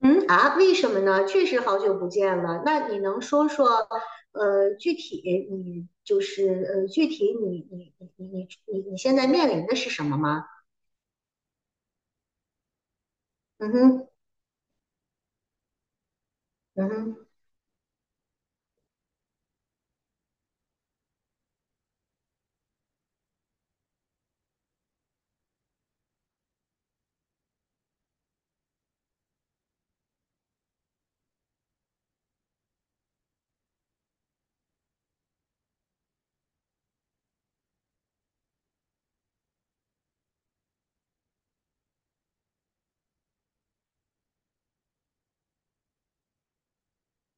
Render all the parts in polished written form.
嗯啊，为什么呢？确实好久不见了。那你能说说，具体你就是呃，具体你现在面临的是什么吗？嗯哼，嗯哼，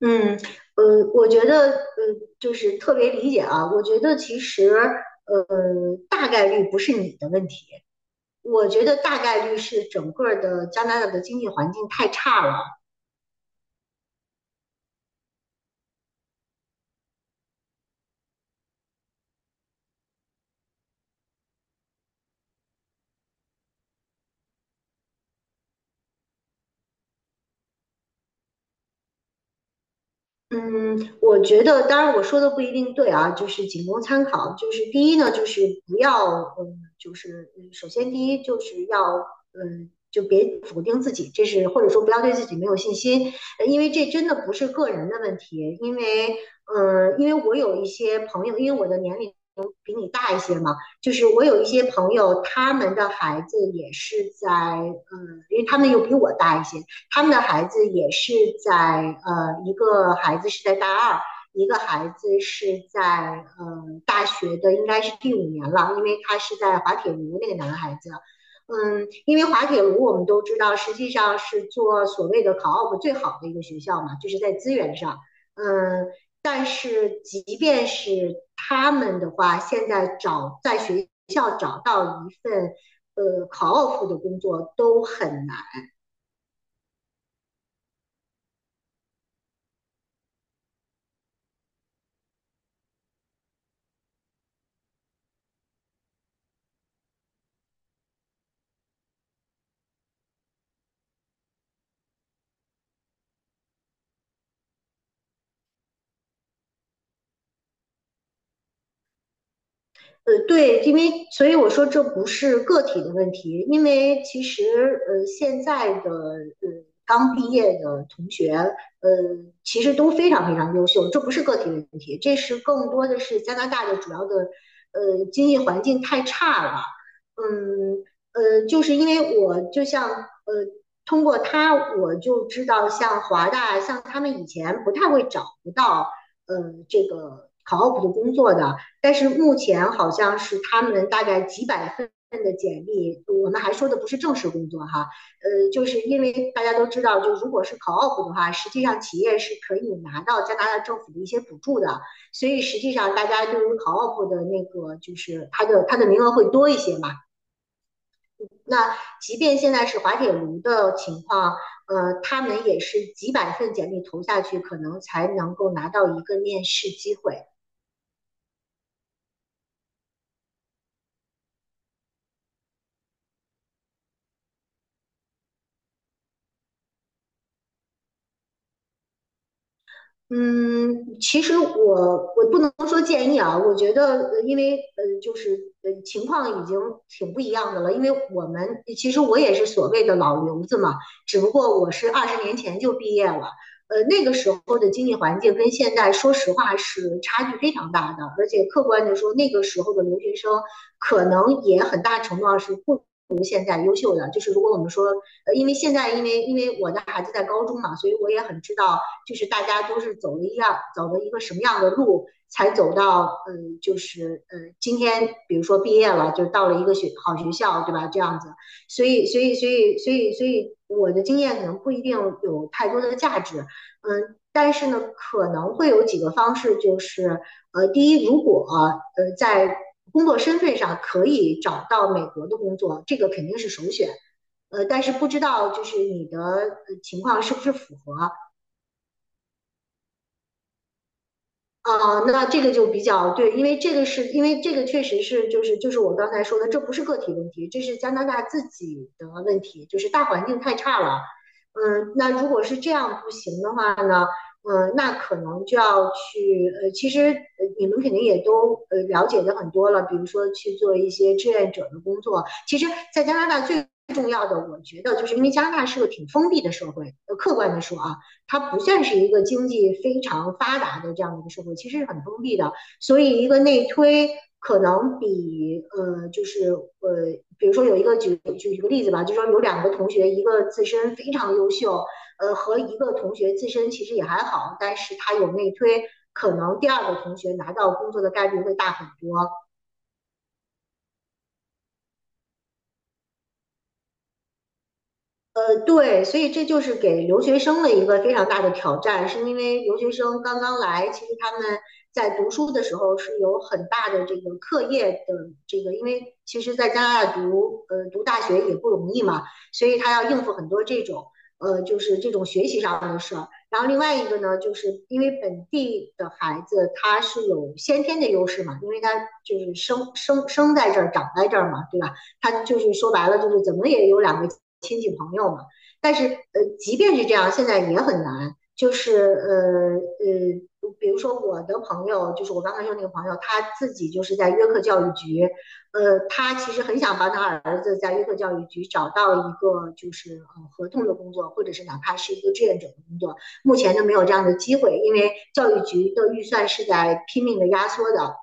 嗯，我觉得就是特别理解啊。我觉得其实大概率不是你的问题，我觉得大概率是整个的加拿大的经济环境太差了。嗯，我觉得，当然我说的不一定对啊，就是仅供参考。就是第一呢，就是不要，嗯，就是首先第一就是要，嗯，就别否定自己，这是或者说不要对自己没有信心，因为这真的不是个人的问题。因为，嗯，因为我有一些朋友，因为我的年龄比你大一些嘛，就是我有一些朋友，他们的孩子也是在，嗯，因为他们又比我大一些。他们的孩子也是在一个孩子是在大二，一个孩子是在大学的，应该是第五年了，因为他是在滑铁卢那个男孩子。嗯，因为滑铁卢我们都知道，实际上是做所谓的考 op 最好的一个学校嘛，就是在资源上。嗯，但是即便是他们的话，现在找在学校找到一份考 op 的工作都很难。对，因为所以我说这不是个体的问题，因为其实现在的刚毕业的同学，其实都非常非常优秀，这不是个体的问题，这是更多的是加拿大的主要的经济环境太差了，嗯就是因为我就像通过他我就知道像华大像他们以前不太会找不到呃这个考 o p 的工作的。但是目前好像是他们大概几百份的简历，我们还说的不是正式工作哈，就是因为大家都知道，就如果是考 o o p 的话，实际上企业是可以拿到加拿大政府的一些补助的，所以实际上大家对于考 o o p 的那个就是它的名额会多一些嘛。那即便现在是滑铁卢的情况，他们也是几百份简历投下去，可能才能够拿到一个面试机会。嗯，其实我不能说建议啊，我觉得因为就是情况已经挺不一样的了，因为我们其实我也是所谓的老留子嘛，只不过我是二十年前就毕业了，那个时候的经济环境跟现在说实话是差距非常大的，而且客观的说，那个时候的留学生可能也很大程度上是不们现在优秀的，就是如果我们说，因为现在因为我的孩子在高中嘛，所以我也很知道，就是大家都是走了一样走了一个什么样的路，才走到就是今天比如说毕业了，就到了一个学好学校，对吧？这样子，所以我的经验可能不一定有太多的价值，嗯、呃但是呢，可能会有几个方式，就是第一，如果在工作身份上可以找到美国的工作，这个肯定是首选。但是不知道就是你的情况是不是符合，啊，那这个就比较对，因为这个是因为这个确实是就是我刚才说的，这不是个体问题，这是加拿大自己的问题，就是大环境太差了。嗯，那如果是这样不行的话呢，嗯，那可能就要去其实你们肯定也都了解的很多了，比如说去做一些志愿者的工作。其实，在加拿大最重要的，我觉得就是因为加拿大是个挺封闭的社会，客观的说啊，它不算是一个经济非常发达的这样的一个社会，其实是很封闭的。所以一个内推可能比就是比如说有一个举个例子吧，就说有两个同学，一个自身非常优秀，和一个同学自身其实也还好，但是他有内推，可能第二个同学拿到工作的概率会大很多。对，所以这就是给留学生的一个非常大的挑战，是因为留学生刚刚来，其实他们在读书的时候是有很大的这个课业的这个，因为其实在加拿大读读大学也不容易嘛，所以他要应付很多这种就是这种学习上的事儿。然后另外一个呢，就是因为本地的孩子他是有先天的优势嘛，因为他就是生在这儿，长在这儿嘛，对吧？他就是说白了就是怎么也有两个亲戚朋友嘛。但是即便是这样，现在也很难，就是比如说我的朋友，就是我刚才说那个朋友，他自己就是在约克教育局，他其实很想帮他儿子在约克教育局找到一个就是合同的工作，或者是哪怕是一个志愿者的工作，目前都没有这样的机会，因为教育局的预算是在拼命的压缩的。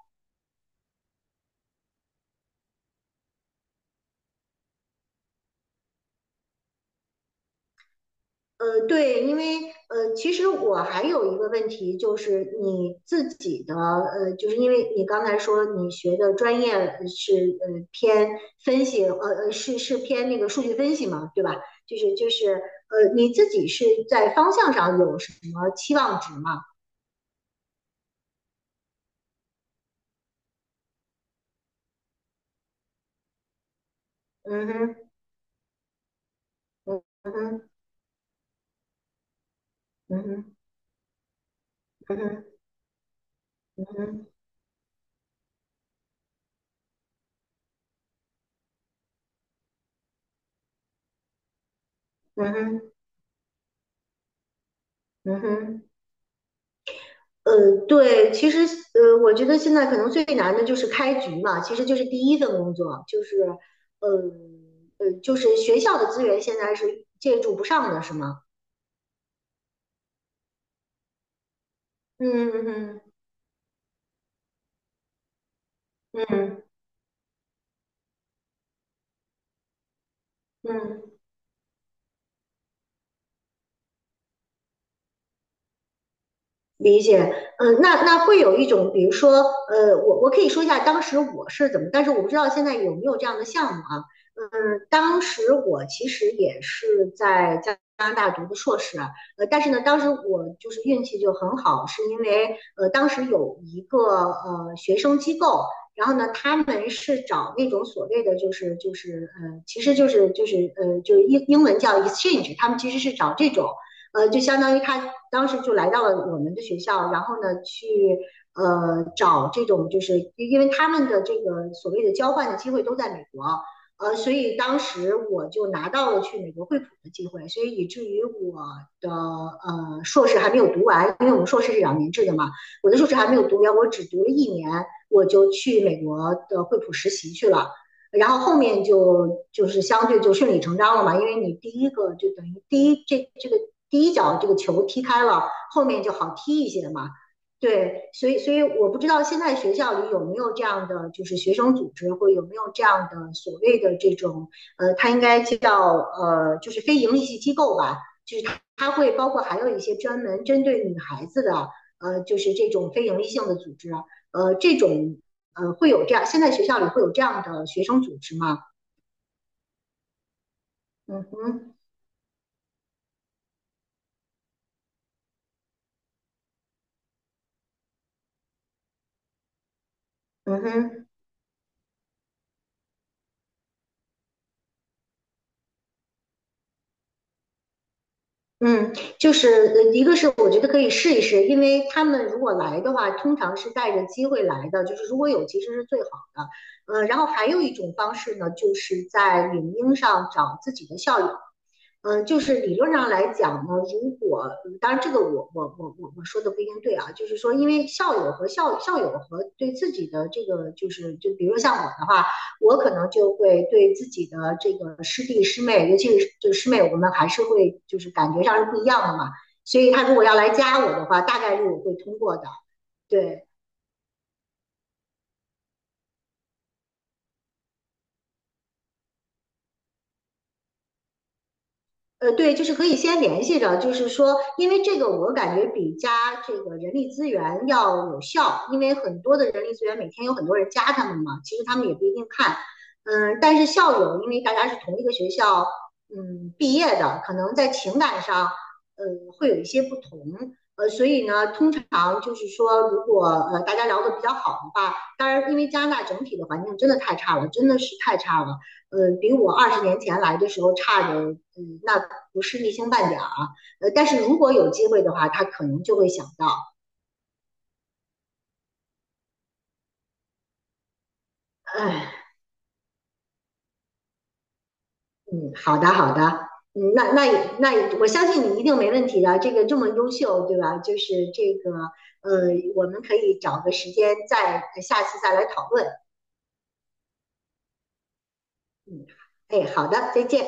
对，因为其实我还有一个问题，就是你自己的就是因为你刚才说你学的专业是偏分析，是偏那个数据分析嘛，对吧？就是就是你自己是在方向上有什么期望值吗？嗯哼，嗯哼，嗯哼，嗯哼，嗯哼，嗯哼，嗯哼。嗯，对，其实我觉得现在可能最难的就是开局嘛，其实就是第一份工作，就是就是学校的资源现在是借助不上的，是吗？嗯嗯嗯嗯。嗯理解，嗯，那会有一种，比如说，我可以说一下当时我是怎么，但是我不知道现在有没有这样的项目啊。嗯，当时我其实也是在加拿大读的硕士啊但是呢，当时我就是运气就很好，是因为当时有一个学生机构，然后呢，他们是找那种所谓的就是，其实就是英文叫 exchange，他们其实是找这种。就相当于他当时就来到了我们的学校，然后呢去找这种就是因为他们的这个所谓的交换的机会都在美国，所以当时我就拿到了去美国惠普的机会，所以以至于我的硕士还没有读完，因为我们硕士是2年制的嘛，我的硕士还没有读完，我只读了一年，我就去美国的惠普实习去了。然后后面就是相对就顺理成章了嘛，因为你第一个就等于第一这个第一脚这个球踢开了，后面就好踢一些嘛。对，所以我不知道现在学校里有没有这样的就是学生组织，或有没有这样的所谓的这种它应该叫就是非盈利性机构吧，就是它会包括还有一些专门针对女孩子的就是这种非盈利性的组织啊，这种。会有这样，现在学校里会有这样的学生组织吗？嗯哼，嗯哼，嗯，就是一个是我觉得可以试一试，因为他们如果来的话，通常是带着机会来的，就是如果有其实是最好的。然后还有一种方式呢，就是在领英上找自己的校友。嗯，就是理论上来讲呢，如果嗯当然这个我说的不一定对啊，就是说因为校友和校友和对自己的这个就是就比如说像我的话，我可能就会对自己的这个师弟师妹，尤其是就师妹，我们还是会就是感觉上是不一样的嘛，所以他如果要来加我的话，大概率我会通过的，对。对，就是可以先联系着，就是说，因为这个我感觉比加这个人力资源要有效，因为很多的人力资源每天有很多人加他们嘛，其实他们也不一定看，嗯，但是校友因为大家是同一个学校，嗯，毕业的，可能在情感上，呃，会有一些不同，所以呢，通常就是说，如果大家聊得比较好的话，当然，因为加拿大整体的环境真的太差了，真的是太差了，比我二十年前来的时候差的，嗯，那不是一星半点儿啊。但是如果有机会的话，他可能就会想到，哎，嗯，好的，好的，嗯，那，我相信你一定没问题的。这个这么优秀，对吧？就是这个，我们可以找个时间再下次再来讨论。嗯，哎，好的，再见。